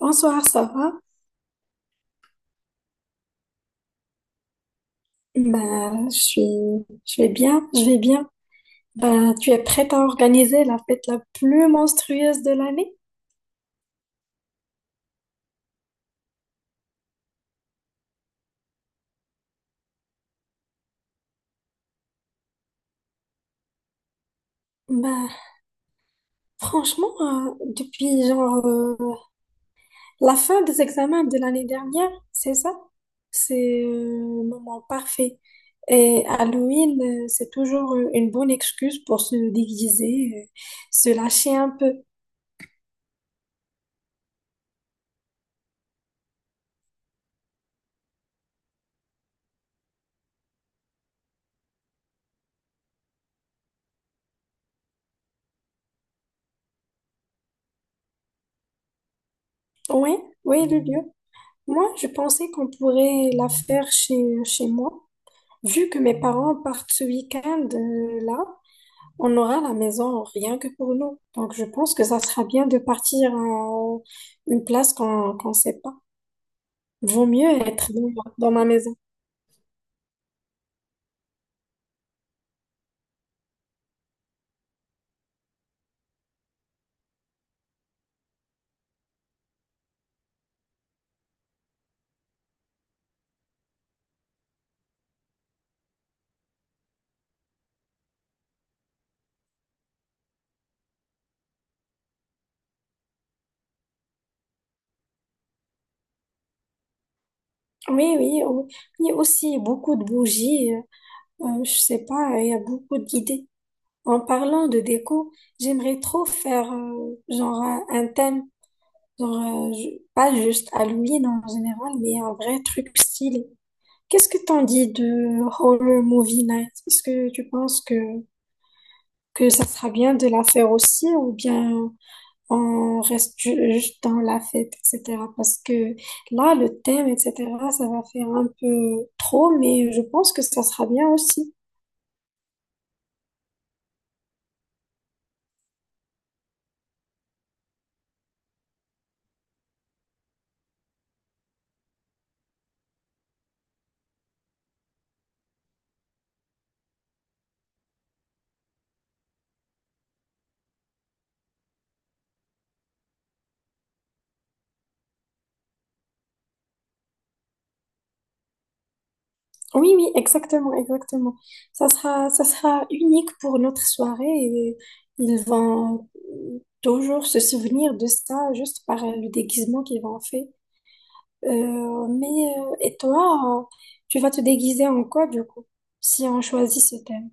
Bonsoir, ça va? Bah, je vais bien, je vais bien. Bah, tu es prête à organiser la fête la plus monstrueuse de l'année? Bah, franchement, depuis genre la fin des examens de l'année dernière, c'est ça? C'est le moment parfait. Et Halloween, c'est toujours une bonne excuse pour se déguiser, se lâcher un peu. Oui, oui, le lieu. Moi, je pensais qu'on pourrait la faire chez moi. Vu que mes parents partent ce week-end là, on aura la maison rien que pour nous. Donc je pense que ça sera bien de partir à une place qu'on sait pas. Vaut mieux être dans ma maison. Oui, oui, oui. Il y a aussi beaucoup de bougies. Je sais pas, il y a beaucoup d'idées. En parlant de déco, j'aimerais trop faire genre un thème, genre, pas juste Halloween en général, mais un vrai truc stylé. Qu'est-ce que t'en dis de Horror Movie Night? Est-ce que tu penses que ça sera bien de la faire aussi ou bien on reste juste dans la fête, etc. Parce que là, le thème, etc., ça va faire un peu trop, mais je pense que ça sera bien aussi. Oui, oui, exactement, exactement. Ça sera unique pour notre soirée et ils vont toujours se souvenir de ça juste par le déguisement qu'ils vont faire. Mais et toi, tu vas te déguiser en quoi du coup, si on choisit ce thème?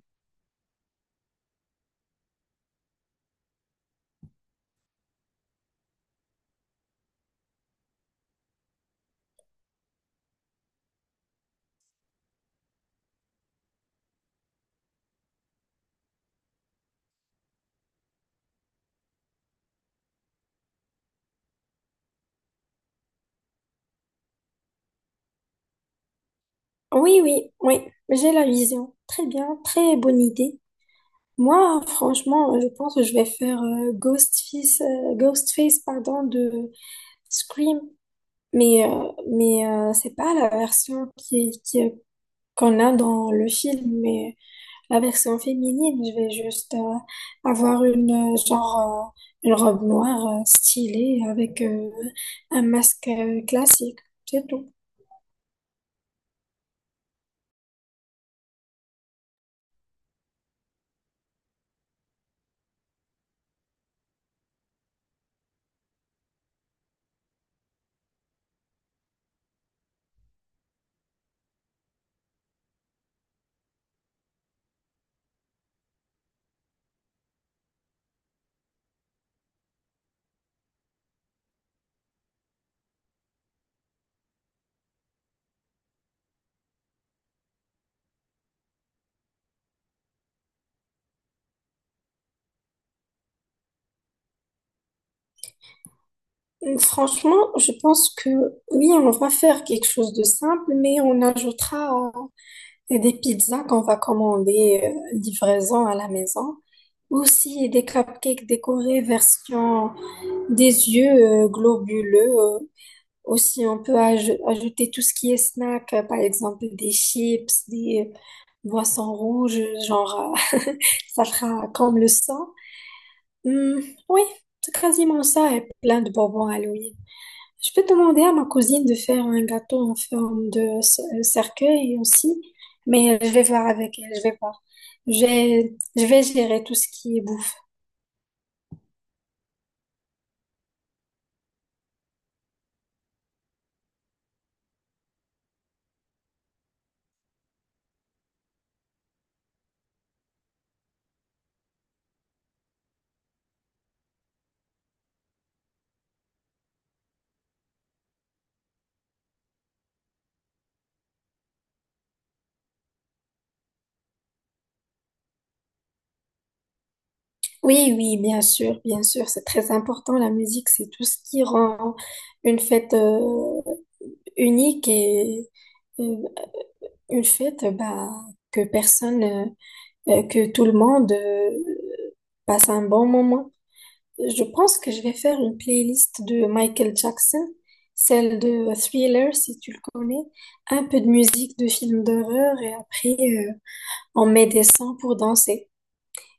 Oui, oui, oui, j'ai la vision. Très bien, très bonne idée. Moi, franchement, je pense que je vais faire Ghostface, pardon, de Scream. Mais c'est pas la version qu'on a dans le film, mais la version féminine, je vais juste avoir une robe noire stylée avec un masque classique, c'est tout. Franchement, je pense que oui, on va faire quelque chose de simple, mais on ajoutera des pizzas qu'on va commander livraison à la maison. Aussi des cupcakes décorés version des yeux globuleux. Aussi, on peut ajouter tout ce qui est snack, par exemple des chips, des boissons rouges, genre ça fera comme le sang. Hmm, oui, c'est quasiment ça et plein de bonbons Halloween. Je peux demander à ma cousine de faire un gâteau en forme de cercueil aussi, mais je vais voir avec elle, je vais voir. Je vais gérer tout ce qui est bouffe. Oui, oui, bien sûr, c'est très important. La musique, c'est tout ce qui rend une fête unique et euh, une fête bah, que personne, euh, que tout le monde passe un bon moment. Je pense que je vais faire une playlist de Michael Jackson, celle de Thriller, si tu le connais, un peu de musique de films d'horreur et après on met des sons pour danser.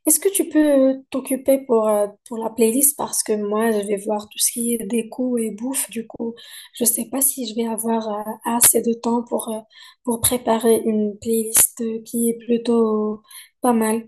Est-ce que tu peux t'occuper pour la playlist parce que moi, je vais voir tout ce qui est déco et bouffe. Du coup, je sais pas si je vais avoir assez de temps pour préparer une playlist qui est plutôt pas mal.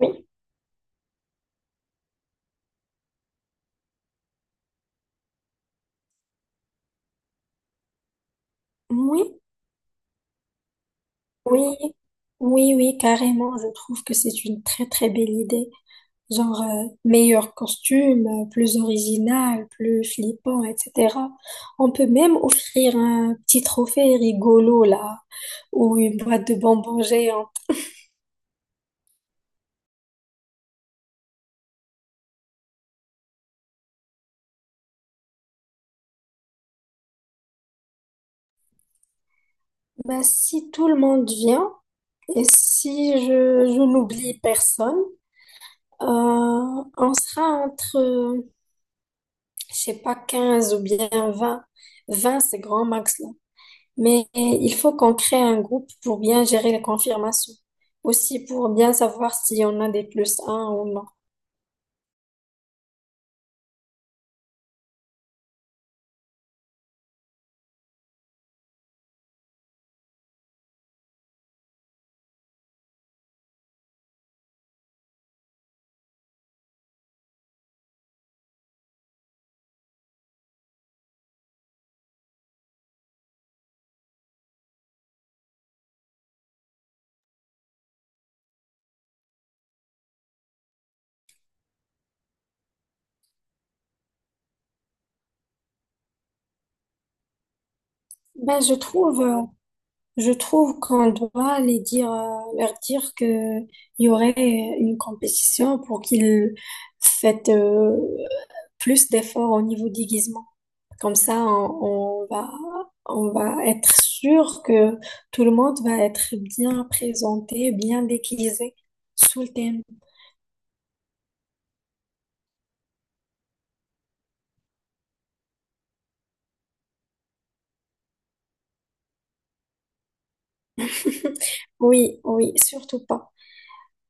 Oui, oui, oui, oui, oui, carrément. Je trouve que c'est une très, très belle idée. Genre, meilleur costume, plus original, plus flippant, etc. On peut même offrir un petit trophée rigolo, là, ou une boîte de bonbons géante. Bah, si tout le monde vient, et si je n'oublie personne, on sera entre, je sais pas, 15 ou bien 20, 20 c'est grand max. Mais il faut qu'on crée un groupe pour bien gérer les confirmations. Aussi pour bien savoir si on a des plus un ou non. Ben, je trouve qu'on doit leur dire que il y aurait une compétition pour qu'ils fassent plus d'efforts au niveau déguisement. Comme ça, on va être sûr que tout le monde va être bien présenté, bien déguisé sous le thème. Oui, oui, surtout pas.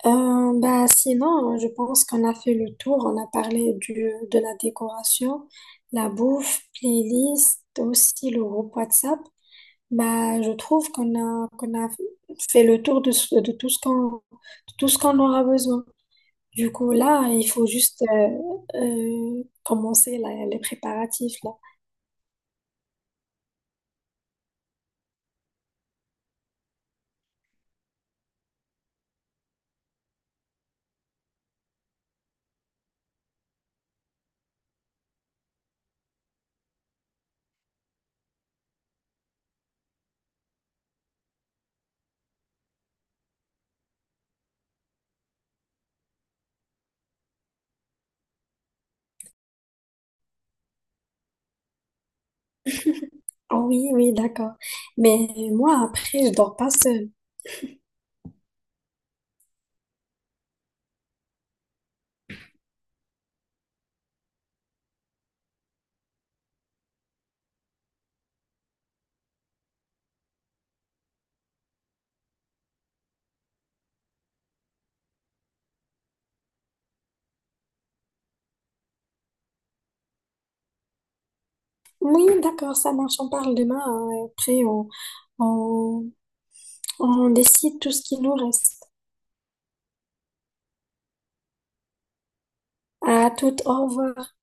Bah, sinon, je pense qu'on a fait le tour. On a parlé de la décoration, la bouffe, playlist, aussi le groupe WhatsApp. Bah, je trouve qu'on a fait le tour de tout ce de tout ce qu'on aura besoin. Du coup, là, il faut juste commencer les préparatifs, là. Ah oui, oui, d'accord. Mais moi, après, je dors pas seule. Oui, d'accord, ça marche. On parle demain, hein. Et après, on, on décide tout ce qui nous reste. À toute, au revoir.